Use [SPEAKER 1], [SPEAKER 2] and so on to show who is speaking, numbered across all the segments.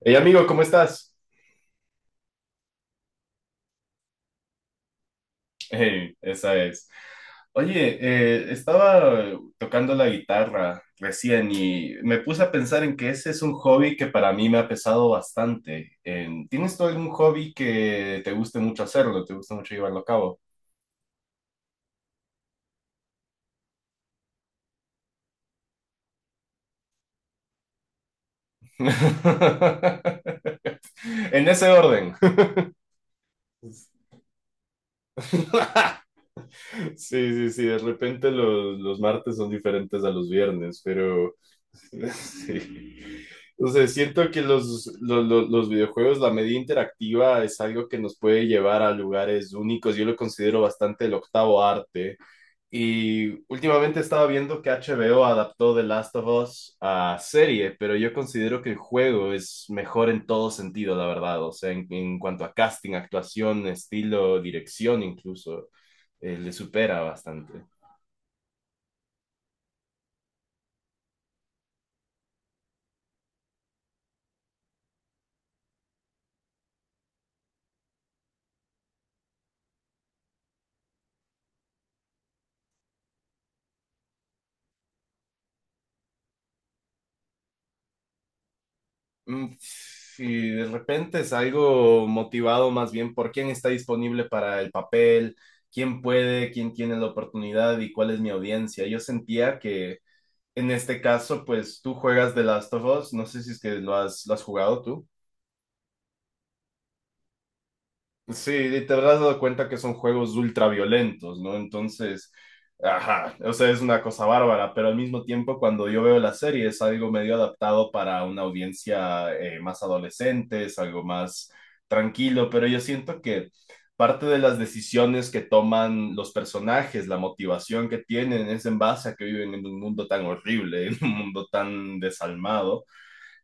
[SPEAKER 1] Hey amigo, ¿cómo estás? Hey, esa es. Oye, estaba tocando la guitarra recién y me puse a pensar en que ese es un hobby que para mí me ha pesado bastante. ¿Tienes tú algún hobby que te guste mucho hacerlo, te gusta mucho llevarlo a cabo? En ese orden. Sí, sí, sí, de repente los martes son diferentes a los viernes, pero sí. O sea, siento que los videojuegos, la media interactiva es algo que nos puede llevar a lugares únicos. Yo lo considero bastante el octavo arte. Y últimamente estaba viendo que HBO adaptó The Last of Us a serie, pero yo considero que el juego es mejor en todo sentido, la verdad. O sea, en cuanto a casting, actuación, estilo, dirección incluso, le supera bastante. Mm, Y de repente es algo motivado más bien por quién está disponible para el papel, quién puede, quién tiene la oportunidad y cuál es mi audiencia. Yo sentía que en este caso, pues tú juegas The Last of Us, no sé si es que lo has jugado tú. Sí, y te habrás dado cuenta que son juegos ultraviolentos, ¿no? Entonces, ajá, o sea, es una cosa bárbara, pero al mismo tiempo cuando yo veo la serie es algo medio adaptado para una audiencia más adolescente, es algo más tranquilo, pero yo siento que parte de las decisiones que toman los personajes, la motivación que tienen, es en base a que viven en un mundo tan horrible, en un mundo tan desalmado.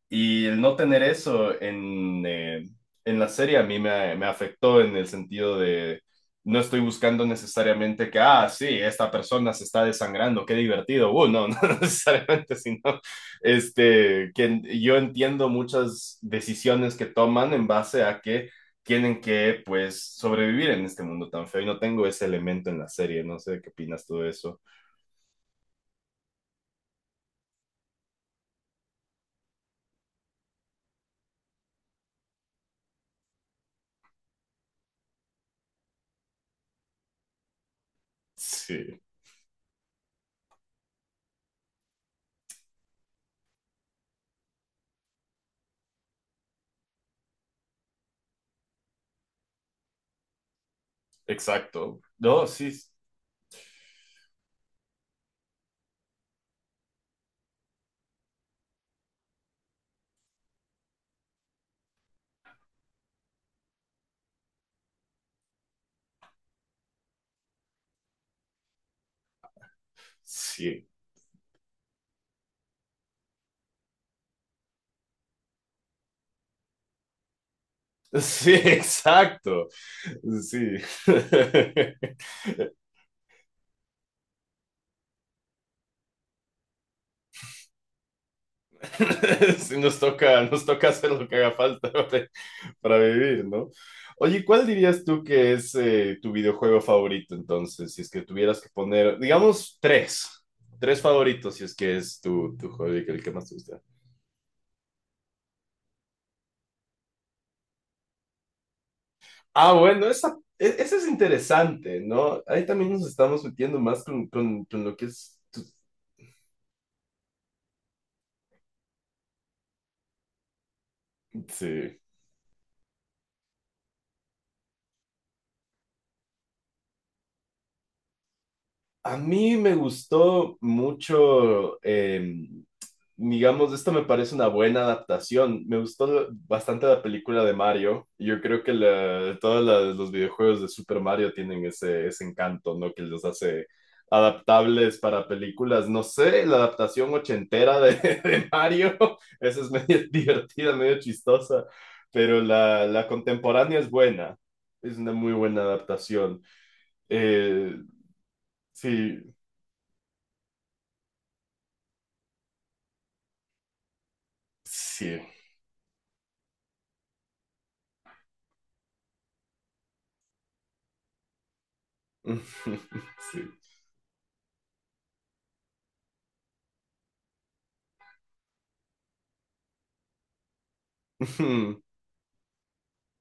[SPEAKER 1] Y el no tener eso en la serie a mí me afectó en el sentido de no estoy buscando necesariamente que, ah, sí, esta persona se está desangrando, qué divertido. No, no necesariamente, sino este, que yo entiendo muchas decisiones que toman en base a que tienen que, pues, sobrevivir en este mundo tan feo y no tengo ese elemento en la serie. No sé qué opinas tú de eso. Sí, exacto. No, sí, sí. Sí, exacto. Sí. Sí, nos toca hacer lo que haga falta para vivir, ¿no? Oye, ¿cuál dirías tú que es tu videojuego favorito entonces? Si es que tuvieras que poner, digamos, tres. Tres favoritos, si es que es tu juego el que más te gusta. Ah, bueno, esa es interesante, ¿no? Ahí también nos estamos metiendo más con, con lo que es... tu- Sí. A mí me gustó mucho, digamos, esto me parece una buena adaptación. Me gustó bastante la película de Mario. Yo creo que todos los videojuegos de Super Mario tienen ese encanto, ¿no? Que los hace adaptables para películas. No sé, la adaptación ochentera de, de Mario, esa es medio divertida, medio chistosa, pero la contemporánea es buena. Es una muy buena adaptación. Eh, sí, sí. Sí.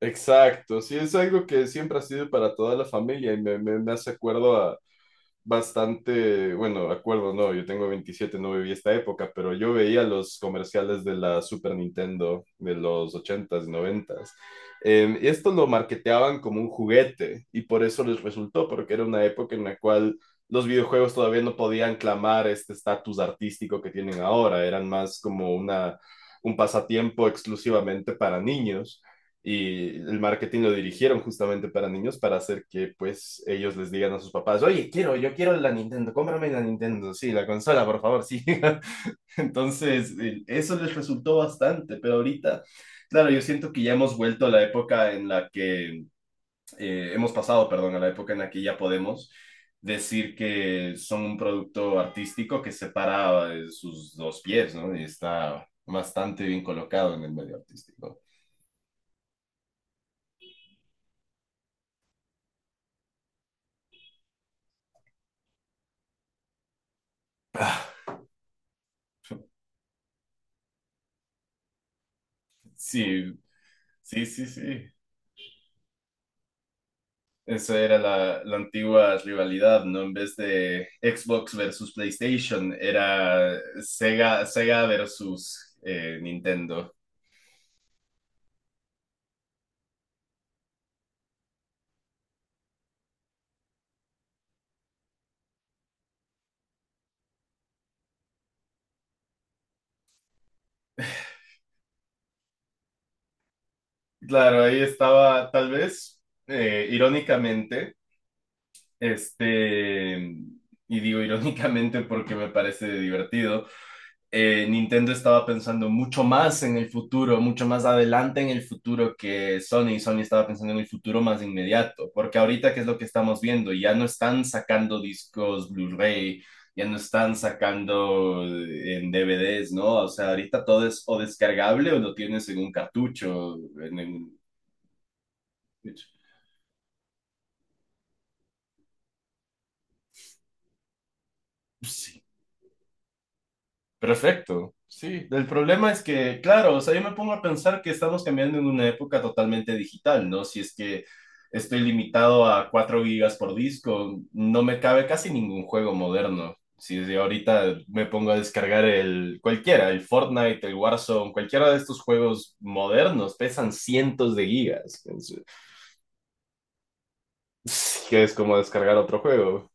[SPEAKER 1] Exacto, sí, es algo que siempre ha sido para toda la familia y me hace acuerdo a, bastante, bueno, acuerdo, no, yo tengo 27, no viví esta época, pero yo veía los comerciales de la Super Nintendo de los ochentas s y 90. Y esto lo marketeaban como un juguete y por eso les resultó, porque era una época en la cual los videojuegos todavía no podían clamar este estatus artístico que tienen ahora, eran más como una, un pasatiempo exclusivamente para niños, y el marketing lo dirigieron justamente para niños para hacer que pues ellos les digan a sus papás, oye, quiero, yo quiero la Nintendo, cómprame la Nintendo, sí, la consola, por favor, sí. Entonces, eso les resultó bastante, pero ahorita, claro, yo siento que ya hemos vuelto a la época en la que, hemos pasado, perdón, a la época en la que ya podemos decir que son un producto artístico que separa sus dos pies, ¿no? Y está bastante bien colocado en el medio artístico. Sí, sí, sí, sí. Esa era la antigua rivalidad, ¿no? En vez de Xbox versus PlayStation, era Sega, Sega versus Nintendo. Claro, ahí estaba, tal vez, irónicamente, este, y digo irónicamente porque me parece divertido, Nintendo estaba pensando mucho más en el futuro, mucho más adelante en el futuro que Sony. Y Sony estaba pensando en el futuro más inmediato, porque ahorita, ¿qué es lo que estamos viendo? Ya no están sacando discos Blu-ray, ya no están sacando en DVDs, ¿no? O sea, ahorita todo es o descargable o lo tienes en un cartucho, Sí. Perfecto, sí. El problema es que, claro, o sea, yo me pongo a pensar que estamos cambiando en una época totalmente digital, ¿no? Si es que estoy limitado a 4 gigas por disco, no me cabe casi ningún juego moderno. Si desde ahorita me pongo a descargar el cualquiera, el Fortnite, el Warzone, cualquiera de estos juegos modernos, pesan cientos de gigas. Que es como descargar otro juego.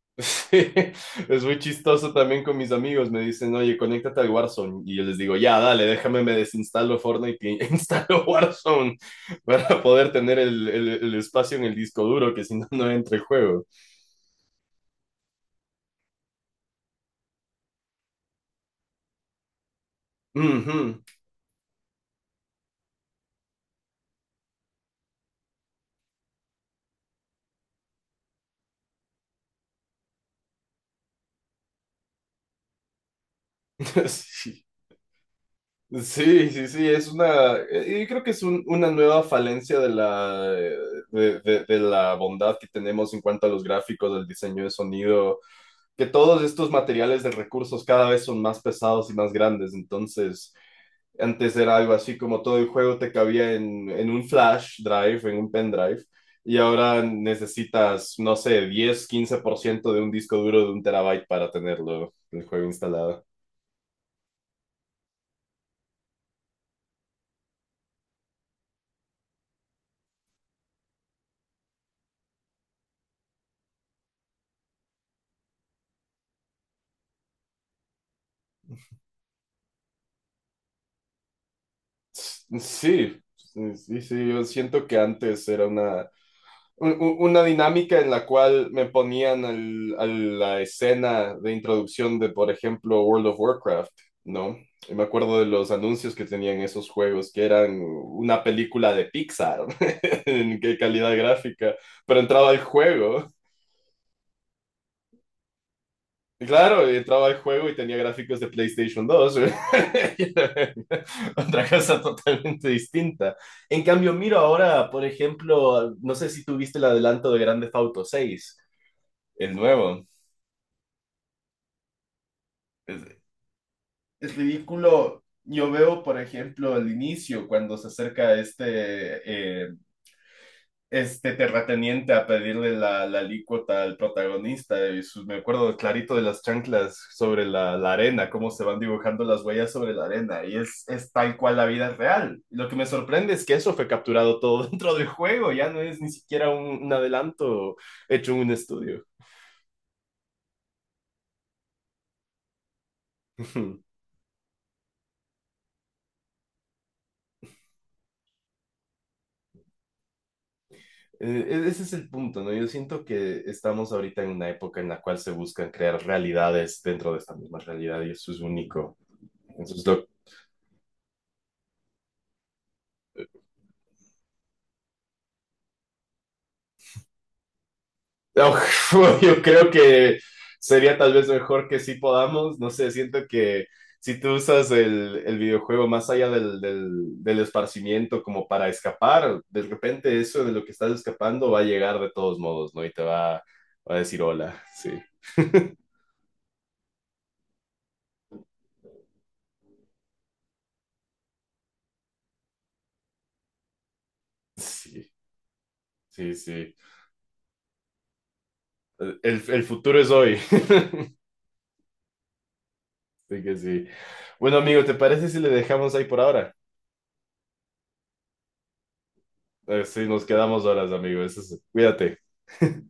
[SPEAKER 1] Sí, es muy chistoso también con mis amigos. Me dicen, oye, conéctate al Warzone. Y yo les digo, ya, dale, déjame, me desinstalo Fortnite y instalo Warzone para poder tener el, el espacio en el disco duro, que si no, no entra el juego. Ujú. Sí. Sí, sí, sí, es una, yo creo que es una nueva falencia de la, de, de la bondad que tenemos en cuanto a los gráficos, el diseño de sonido, que todos estos materiales de recursos cada vez son más pesados y más grandes. Entonces antes era algo así como todo el juego te cabía en un flash drive, en un pendrive, y ahora necesitas, no sé, 10-15% de un disco duro de un terabyte para tenerlo, el juego instalado. Sí, sí, sí, yo siento que antes era una, una dinámica en la cual me ponían a la escena de introducción de, por ejemplo, World of Warcraft, ¿no? Y me acuerdo de los anuncios que tenían esos juegos, que eran una película de Pixar. En qué calidad gráfica, pero entraba al juego. Y claro, entraba al juego y tenía gráficos de PlayStation 2. Otra cosa totalmente distinta. En cambio, miro ahora, por ejemplo, no sé si tuviste el adelanto de Grand Theft Auto 6, el nuevo. Es, es ridículo. Yo veo, por ejemplo, al inicio, cuando se acerca este este terrateniente a pedirle la alícuota al protagonista. Y me acuerdo clarito de las chanclas sobre la arena, cómo se van dibujando las huellas sobre la arena. Y es tal cual la vida real. Lo que me sorprende es que eso fue capturado todo dentro del juego. Ya no es ni siquiera un adelanto hecho en un estudio. Ese es el punto, ¿no? Yo siento que estamos ahorita en una época en la cual se buscan crear realidades dentro de esta misma realidad y eso es único. Entonces, lo Uf, yo creo que sería tal vez mejor que sí podamos, no sé, siento que si tú usas el videojuego más allá del, del esparcimiento como para escapar, de repente eso de lo que estás escapando va a llegar de todos modos, ¿no? Y te va a decir hola, sí. Sí, sí, sí. El, el futuro es hoy. Así que sí. Bueno, amigo, ¿te parece si le dejamos ahí por ahora? Sí, nos quedamos horas, amigo. Eso es- Cuídate.